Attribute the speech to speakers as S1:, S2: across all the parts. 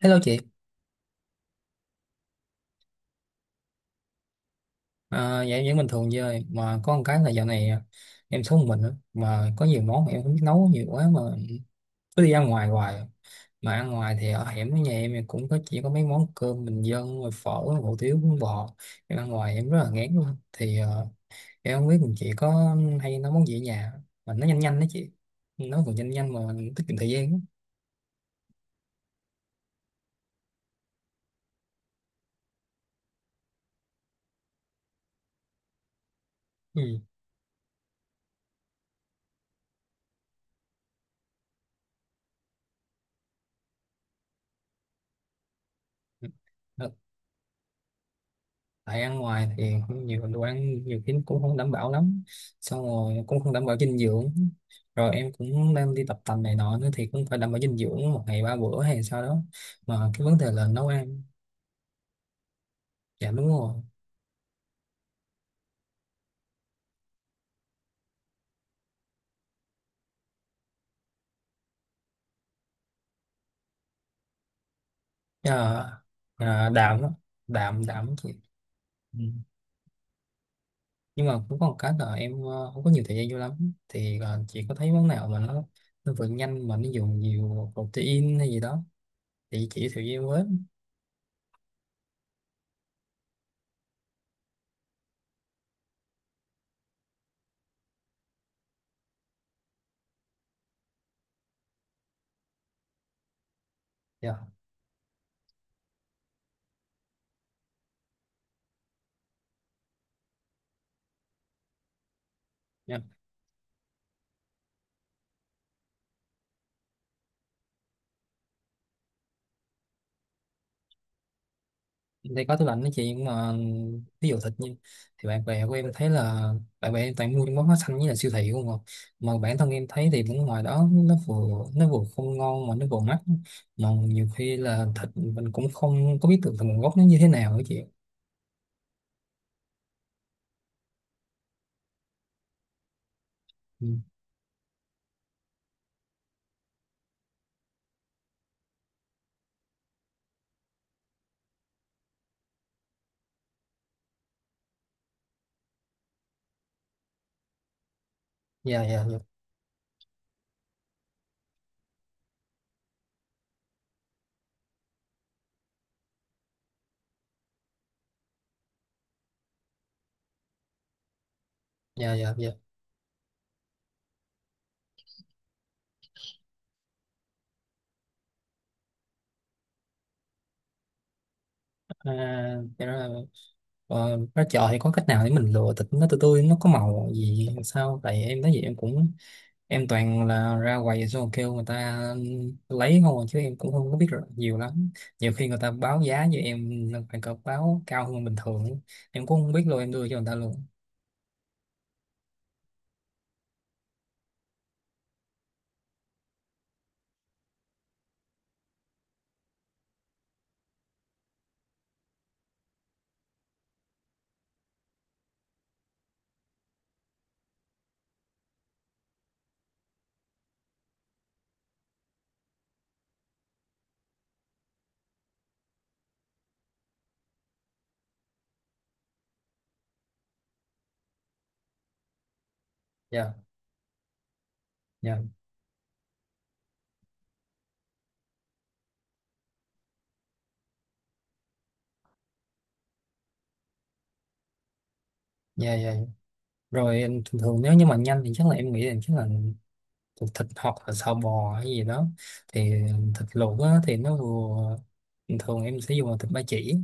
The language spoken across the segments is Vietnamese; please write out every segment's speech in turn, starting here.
S1: Hello chị. Dạ em vẫn bình thường chơi mà có một cái là dạo này, em sống một mình á, mà có nhiều món mà em không biết nấu nhiều quá mà cứ đi ăn ngoài hoài. Mà ăn ngoài thì ở hẻm với nhà em thì cũng có, chỉ có mấy món cơm bình dân rồi phở, hủ tiếu, bún bò. Em ăn ngoài em rất là ngán luôn, thì em không biết mình chị có hay nấu món gì ở nhà mà nó nhanh nhanh đó chị, nấu còn nhanh nhanh mà tiết kiệm thời gian á. Ừ. Ờ, tại ăn ngoài thì cũng nhiều đồ ăn nhiều khi cũng không đảm bảo lắm, xong rồi cũng không đảm bảo dinh dưỡng. Rồi em cũng đang đi tập tành này nọ nữa thì cũng phải đảm bảo dinh dưỡng một ngày ba bữa hay sao đó, mà cái vấn đề là nấu ăn. Dạ đúng rồi. à, Đạm á, đạm đạm thì ừ. Nhưng mà cũng có một cái là em không có nhiều thời gian vô lắm, thì chị có thấy món nào mà nó vừa nhanh mà nó dùng nhiều protein hay gì đó thì chị giới thiệu với em với. Dạ đây có tủ lạnh đó chị, nhưng mà ví dụ thịt như thì bạn bè của em thấy là bạn bè em toàn mua những món hóa xanh với là siêu thị không à, mà bản thân em thấy thì cũng ngoài đó nó vừa không ngon mà nó vừa mắc, mà nhiều khi là thịt mình cũng không có biết được là nguồn gốc nó như thế nào đó chị. Ừ. Dạ dạ dạ. Dạ dạ dạ. à, dạ rồi. Ờ, ra chợ thì có cách nào để mình lựa thịt nó tươi tươi, nó có màu gì hay sao, tại em thấy vậy em cũng em toàn là ra quầy xong rồi kêu người ta lấy không à, chứ em cũng không có biết rồi nhiều lắm. Nhiều khi người ta báo giá với em là phải cọc báo cao hơn bình thường ấy, em cũng không biết luôn em đưa cho người ta luôn. Dạ. Dạ. dạ dạ rồi em thường thường nếu như mà nhanh thì chắc là em nghĩ là chắc là thuộc thịt hoặc là sò bò hay gì đó, thì thịt luộc á, thì nó vừa bình thường em sẽ dùng là thịt ba chỉ.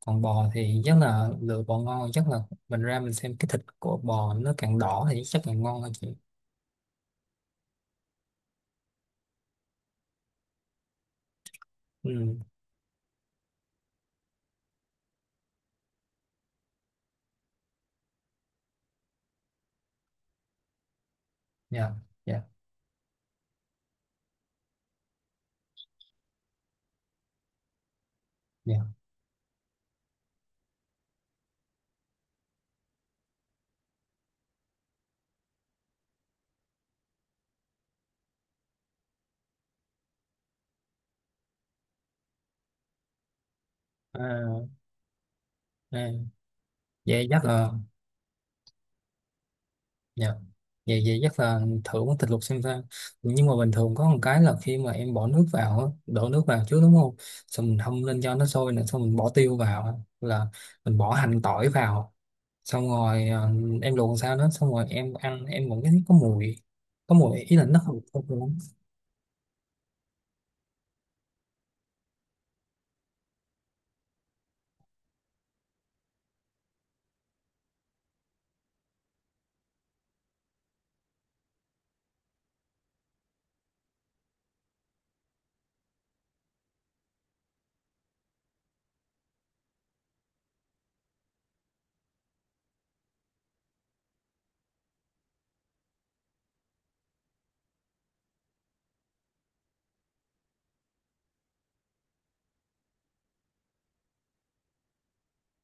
S1: Còn bò thì chắc là lựa bò ngon, chắc là mình ra mình xem cái thịt của bò nó càng đỏ thì chắc càng ngon hơn chị. Ừ. Dạ dạ dạ. à, à, Vậy chắc là dạ, vậy vậy chắc là thử món thịt luộc xem sao. Nhưng mà bình thường có một cái là khi mà em bỏ nước vào á, đổ nước vào trước đúng không, xong mình hâm lên cho nó sôi nữa, xong mình bỏ tiêu vào á, là mình bỏ hành tỏi vào, xong rồi em luộc làm sao đó xong rồi em ăn em vẫn thấy có mùi, có mùi ý là nó không không lắm.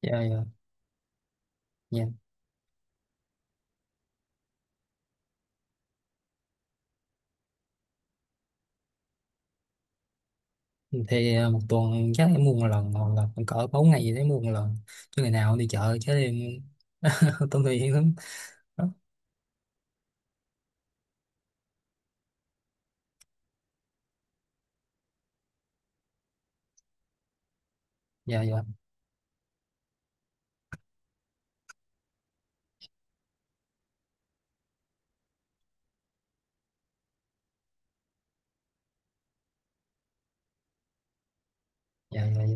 S1: Dạ dạ dạ. Thì một tuần chắc em mua một lần hoặc là cỡ bốn ngày gì đấy mua một lần, chứ ngày nào cũng đi chợ chứ em tôi thì hiểu lắm đó. Dạ dạ dạ. Dạ dạ.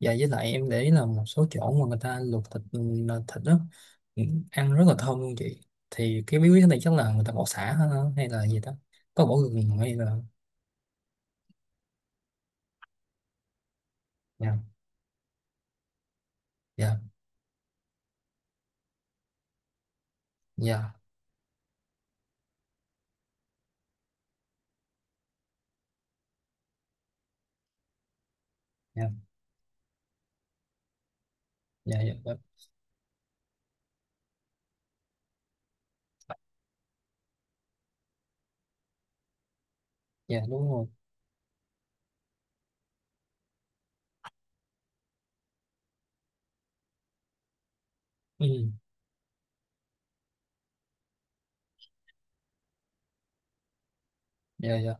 S1: Dạ, với lại em để ý là một số chỗ mà người ta luộc thịt ừ, là thịt đó ừ, ăn rất là thơm luôn chị, thì cái bí quyết này chắc là người ta bỏ sả hả? Hay là gì đó, có bỏ gừng hay là dạ dạ dạ. Dạ dạ dạ dạ. Dạ, đúng rồi. Ừ. Dạ dạ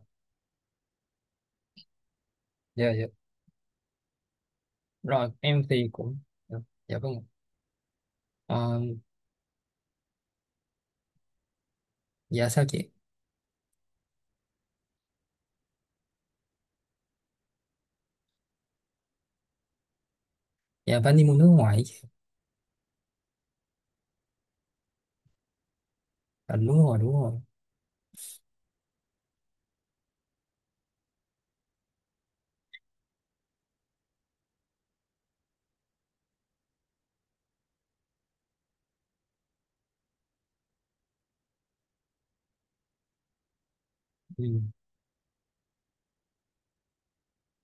S1: dạ dạ. Rồi em thì cũng dạ, dạ vâng. Ờ, dạ sao chị. Dạ Vani mua nước ngoài chị. À, đúng rồi đúng rồi. Ừ.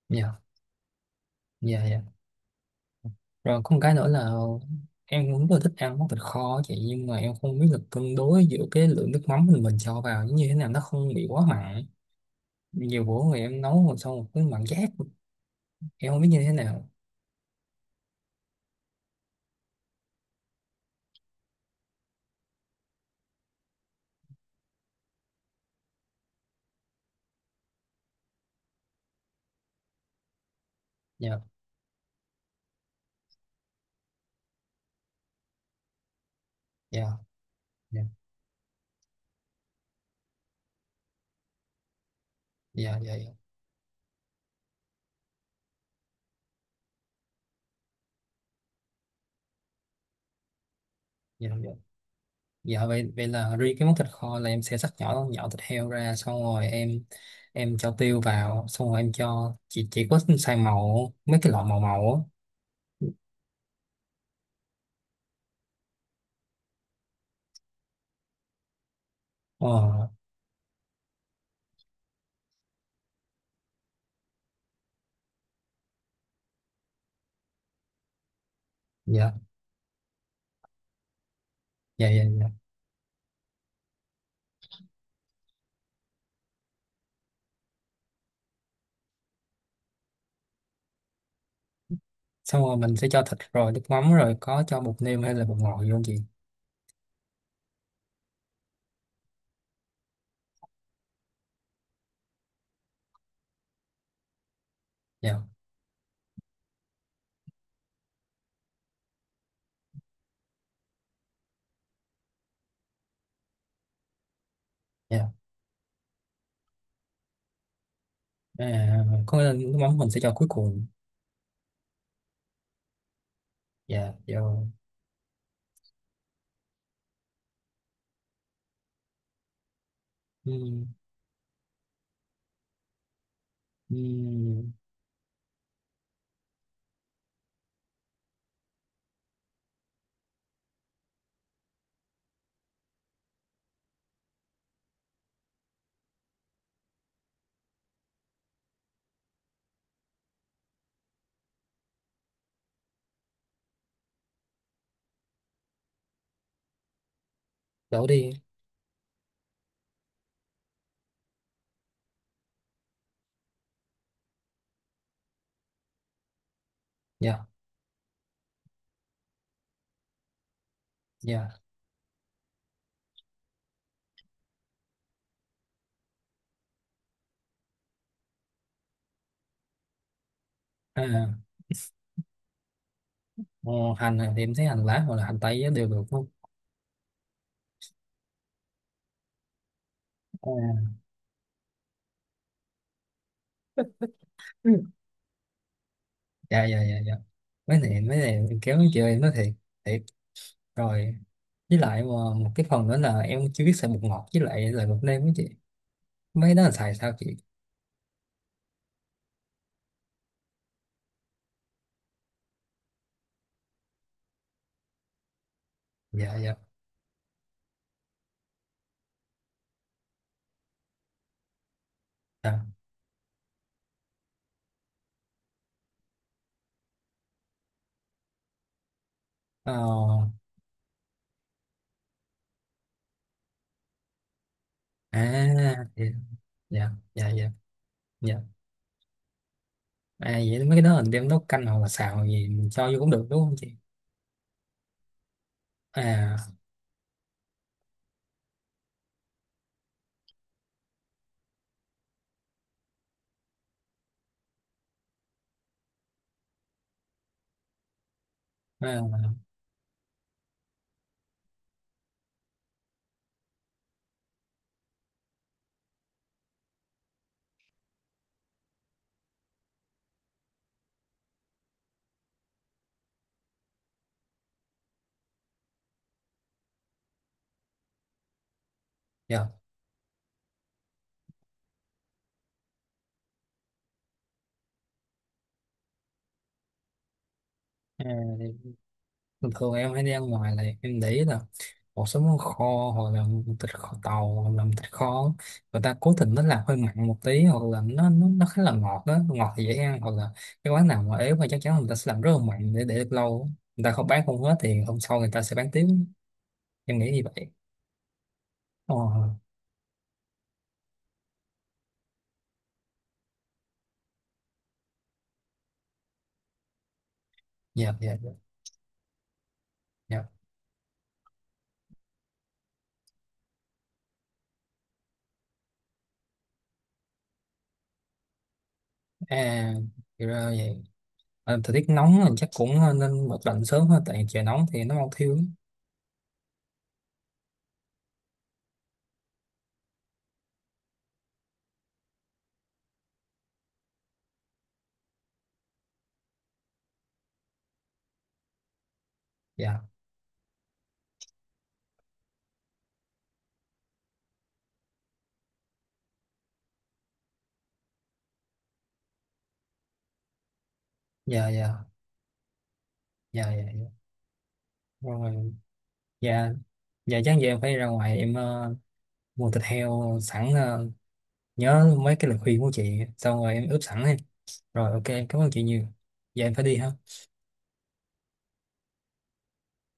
S1: Dạ dạ dạ. Rồi có một cái nữa là em cũng rất là thích ăn món thịt kho á chị, nhưng mà em không biết là cân đối giữa cái lượng nước mắm mình cho vào như thế nào nó không bị quá mặn. Nhiều bữa người em nấu rồi xong một cái mặn chát, em không biết như thế nào. Dạ. Dạ dạ dạ dạ dạ dạ dạ. Dạ, vậy vậy là riêng cái món thịt kho là em sẽ cắt nhỏ nhỏ thịt heo ra xong rồi em cho tiêu vào xong rồi em cho chỉ có xay màu mấy cái loại màu màu á. Ờ. Dạ dạ dạ dạ. Xong rồi mình sẽ cho thịt rồi nước mắm, rồi có cho bột nêm hay là bột ngọt gì không chị? Dạ. Dạ. À, có nghĩa là nước mắm mình sẽ cho cuối cùng. Dạ dạ. ừ, ừ, Đổ đi. Dạ dạ. À, ờ, hành thì em thấy hành lá hoặc là hành tây á đều được không? À. Ừ. Dạ dạ dạ dạ. Mấy này em kéo chị ơi, em nói thiệt thiệt rồi. Với lại ờ, một cái phần nữa là em chưa biết xài bột ngọt với lại là bột nêm với chị, mấy đó là xài sao chị? Dạ dạ dạ. Ờ. À. Dạ dạ dạ dạ. À, vậy mấy cái đó mình đem nấu canh hoặc là xào gì mình cho vô cũng được đúng không chị? À. À. Dạ. À, thường thường em hay đi ăn ngoài là em để ý là một số món kho hoặc là thịt kho tàu hoặc là thịt kho, người ta cố tình nó làm hơi mặn một tí, hoặc là nó khá là ngọt đó, ngọt thì dễ ăn. Hoặc là cái quán nào mà ế mà chắc chắn người ta sẽ làm rất là mặn để được lâu, người ta không bán không hết thì hôm sau người ta sẽ bán tiếp, em nghĩ như vậy. Ồ. Dạ dạ dạ. Dạ. À thì ra vậy. Ờ, thời tiết nóng thì chắc cũng ờ, nên bật lạnh sớm thôi, tại trời nóng thì nó mau thiêu lắm. Dạ dạ dạ. Dạ dạ dạ. Rồi. Dạ. Dạ chắc giờ em phải ra ngoài em mua thịt heo sẵn, nhớ mấy cái lời khuyên của chị xong rồi em ướp sẵn đi. Rồi, ok em cảm ơn chị nhiều. Giờ em phải đi ha.